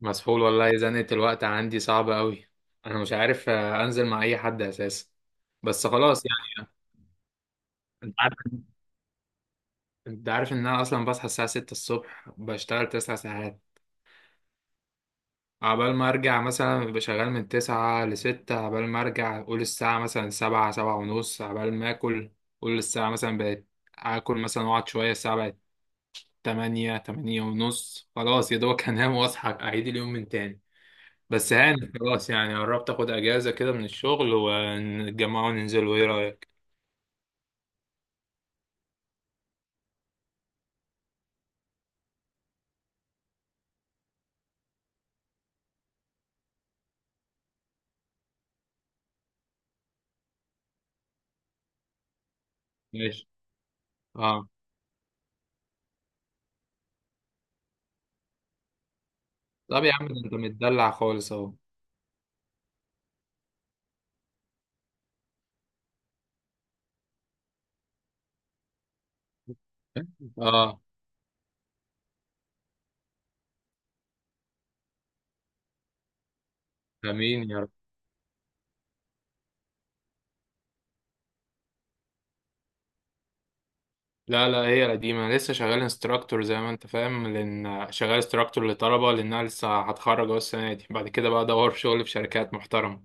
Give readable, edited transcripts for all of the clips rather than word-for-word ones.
مسحول والله، زنقة الوقت عندي صعبة قوي. انا مش عارف، انزل مع اي حد اساسا. بس خلاص يعني. انت عارف انت عارف ان انا اصلا بصحى الساعة 6 الصبح، بشتغل 9 ساعات عبال ما ارجع. مثلا ببقى شغال من 9 ل 6، عبال ما ارجع قول الساعة مثلا 7 7 ونص، عبال ما اكل قول الساعة مثلا بقت، اكل مثلا واقعد شوية الساعة بقت 8 8 ونص، خلاص يا دوبك هنام واصحى اعيد اليوم من تاني. بس هاني خلاص يعني، قربت اخد اجازه كده من الشغل ونتجمع وننزل، وايه رايك؟ ماشي. اه. طب يا عم، ده انت متدلع خالص اهو. اه. امين يا رب. لا لا، هي قديمه. أنا لسه شغال انستراكتور زي ما انت فاهم، لان شغال انستراكتور لطلبه لانها لسه هتخرج اهو السنه دي. بعد كده بقى ادور في شغل في شركات محترمه.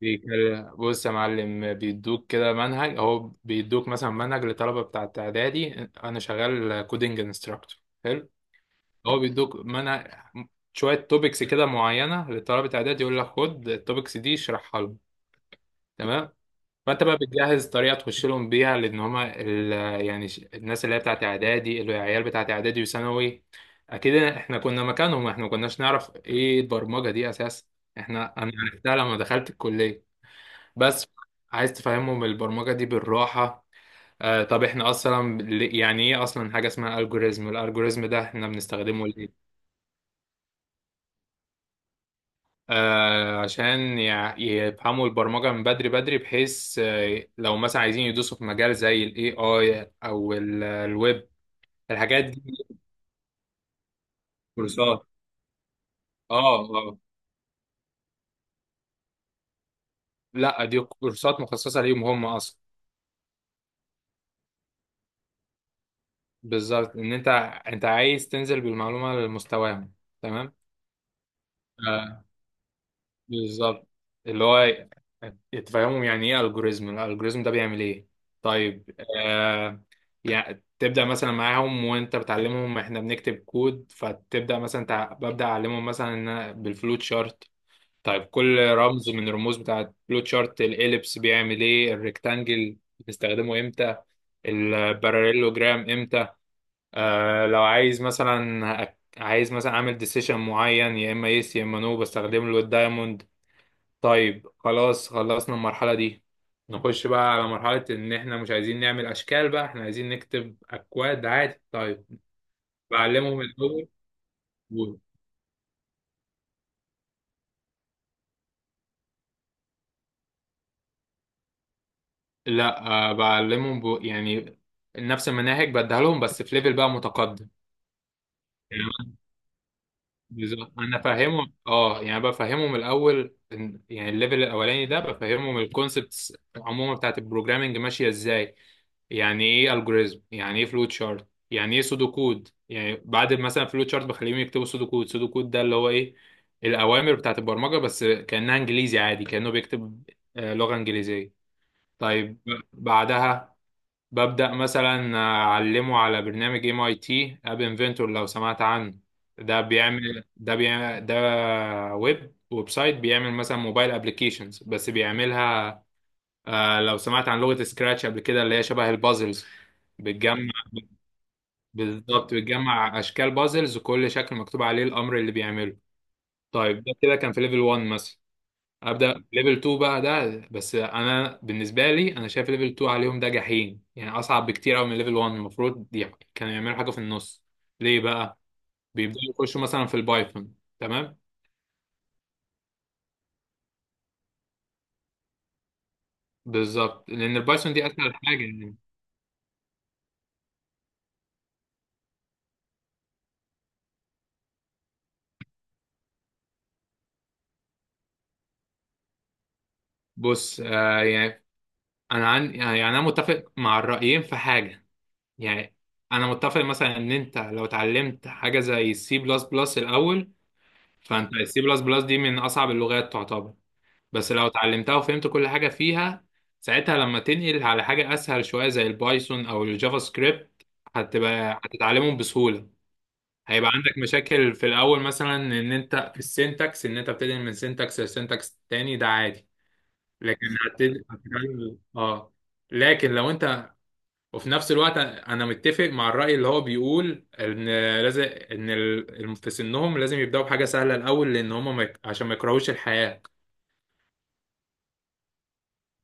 بص يا معلم، بيدوك كده منهج اهو، بيدوك مثلا منهج لطلبه بتاعت اعدادي. انا شغال كودنج انستراكتور. هو بيدوك منع شوية توبكس كده معينة لطلبة إعداد، يقول لك خد التوبكس دي اشرحها لهم. تمام. فأنت بقى بتجهز طريقة تخش لهم بيها، لأن هما يعني الناس اللي هي بتاعت إعدادي، العيال بتاعت إعدادي وثانوي. أكيد إحنا كنا مكانهم، إحنا ما كناش نعرف إيه البرمجة دي أساسا. أنا عرفتها لما دخلت الكلية بس. عايز تفهمهم البرمجة دي بالراحة. طب إحنا أصلا يعني إيه أصلا حاجة اسمها ألجوريزم؟ الألجوريزم ده إحنا بنستخدمه ليه؟ عشان يفهموا البرمجة من بدري بدري، بحيث لو مثلا عايزين يدوسوا في مجال زي الاي اي او الويب. الحاجات دي كورسات. اه اه. لا، دي كورسات مخصصة ليهم هم اصلا. بالظبط، ان انت، انت عايز تنزل بالمعلومة لمستواهم. تمام. بالظبط، اللي هو تفهمهم يعني ايه الجوريزم، الالجوريزم ده بيعمل ايه. طيب. آه يعني تبدا مثلا معاهم وانت بتعلمهم احنا بنكتب كود، فتبدا مثلا ببدا اعلمهم مثلا إن أنا بالفلوت شارت. طيب، كل رمز من الرموز بتاعه الفلوت شارت، الاليبس بيعمل ايه، الريكتانجل بنستخدمه امتى، الباراليلوجرام امتى. لو عايز مثلا، عايز مثلا اعمل ديسيشن معين يا اما يس يا اما نو، بستخدم له الدايموند. طيب خلاص خلصنا المرحلة دي. نخش بقى على مرحلة إن إحنا مش عايزين نعمل أشكال بقى، إحنا عايزين نكتب أكواد عادي. طيب. بعلمهم الأول و- لا بعلمهم يعني نفس المناهج بديها لهم بس في ليفل بقى متقدم. يعني بالظبط. أنا فاهمهم يعني بفهمهم الأول يعني الليفل الأولاني ده بفهمهم الكونسبتس عموما بتاعت البروجرامينج ماشية إزاي. يعني ايه الجوريزم، يعني ايه فلوت شارت، يعني ايه سودو كود. يعني بعد مثلا فلوت شارت بخليهم يكتبوا سودو كود. سودو كود ده اللي هو ايه؟ الاوامر بتاعت البرمجه، بس كانها انجليزي عادي، كانه بيكتب لغه انجليزيه. طيب، بعدها ببدا مثلا اعلمه على برنامج ام اي تي اب انفنتور، لو سمعت عنه. ده بيعمل، ده بيعمل ده ويب، ويب سايت، بيعمل مثلا موبايل ابلكيشنز بس بيعملها. لو سمعت عن لغة سكراتش قبل كده، اللي هي شبه البازلز. بتجمع. بالظبط، بتجمع أشكال بازلز وكل شكل مكتوب عليه الأمر اللي بيعمله. طيب ده كده كان في ليفل 1 مثلا. أبدأ ليفل 2 بقى ده، بس أنا بالنسبة لي أنا شايف ليفل 2 عليهم ده جحيم، يعني أصعب بكتير أوي من ليفل 1، المفروض دي كانوا يعملوا حاجة في النص. ليه بقى؟ بيبدأوا يخشوا مثلا في البايثون، تمام؟ بالظبط، لأن البايثون دي أسهل حاجة يعني. بص يعني، أنا عن يعني أنا متفق مع الرأيين في حاجة. يعني انا متفق مثلا ان انت لو اتعلمت حاجه زي السي بلس بلس الاول، فانت السي بلس بلس دي من اصعب اللغات تعتبر، بس لو اتعلمتها وفهمت كل حاجه فيها، ساعتها لما تنقل على حاجه اسهل شويه زي البايثون او الجافا سكريبت، هتتعلمهم بسهوله. هيبقى عندك مشاكل في الاول مثلا، ان انت في السينتاكس، ان انت بتنقل من سينتاكس لسينتاكس تاني، ده عادي. لكن هتتعلم. اه لكن لو انت، وفي نفس الوقت انا متفق مع الرأي اللي هو بيقول ان لازم ان في سنهم لازم يبدأوا بحاجة سهلة الاول، لان هم ما يك- عشان ما يكرهوش الحياة.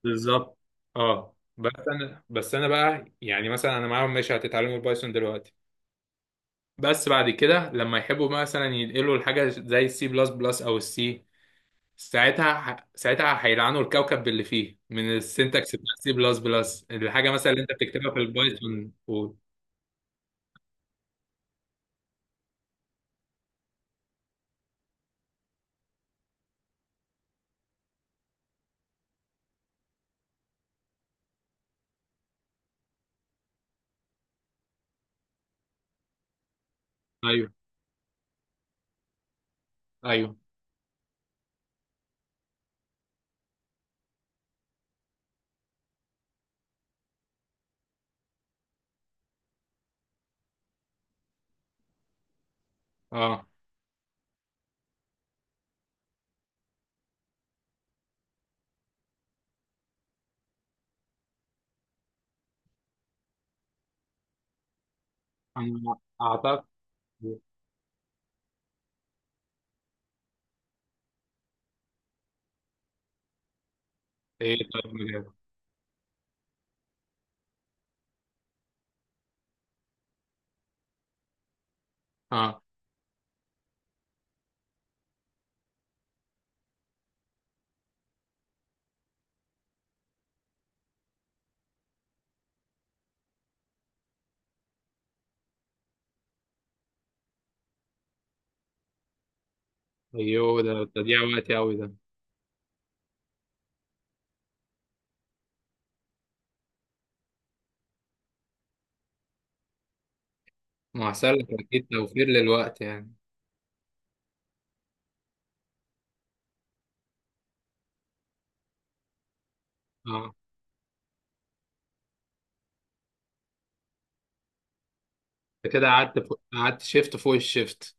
بالظبط. اه، بس انا بقى يعني مثلا انا معاهم، ماشي هتتعلموا البايثون دلوقتي، بس بعد كده لما يحبوا مثلا ينقلوا الحاجة زي السي بلس بلس او السي، ساعتها هيلعنوا الكوكب باللي فيه من السنتكس بتاع السي بلس بلس، الحاجة مثلا اللي انت بتكتبها في البايثون ايوه. ايوه، اه انا اعتقد. ايه طيب، مجال. اه. ايوه ده تضييع وقت قوي ده. ما احسن لك اكيد، توفير للوقت يعني. اه. انت كده قعدت قعدت شيفت فوق الشيفت.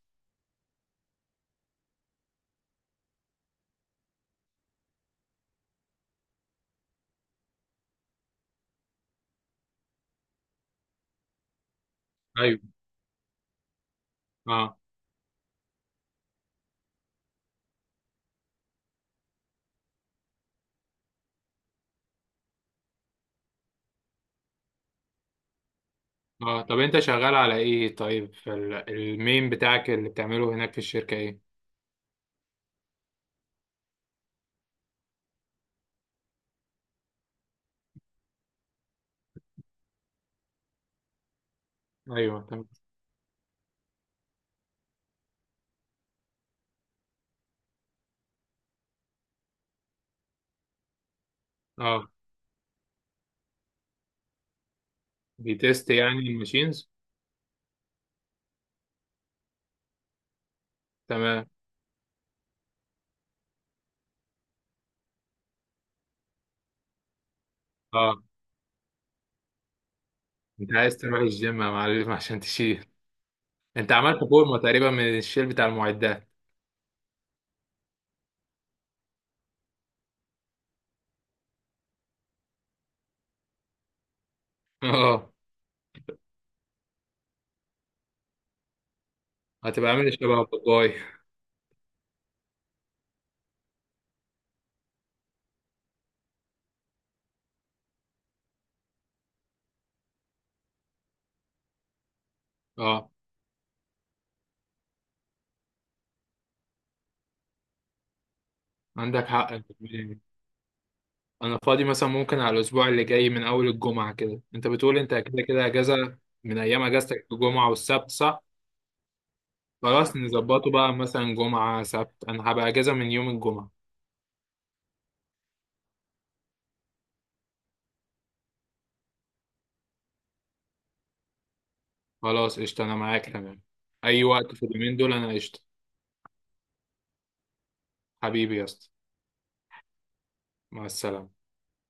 ايوه. اه اه. طب انت شغال على ايه، طيب في المين بتاعك اللي بتعمله هناك في الشركة ايه؟ ايوه تمام. اه، بيتست يعني الماشينز. تمام. اه، انت عايز تروح الجيم يا معلم عشان تشيل؟ انت عملت فورمة تقريبا من الشيل بتاع المعدات. اه. هتبقى عامل شبه باباي. اه، عندك حق. انت بتقول ايه؟ انا فاضي مثلا ممكن على الاسبوع اللي جاي من اول الجمعه كده، انت بتقول انت كده كده اجازه من ايام اجازتك الجمعه والسبت، صح؟ خلاص نظبطه بقى مثلا جمعه سبت، انا هبقى اجازه من يوم الجمعه. خلاص قشطه، انا معاك تمام. اي وقت في اليومين دول انا قشطه. حبيبي يا اسطى. مع السلامه.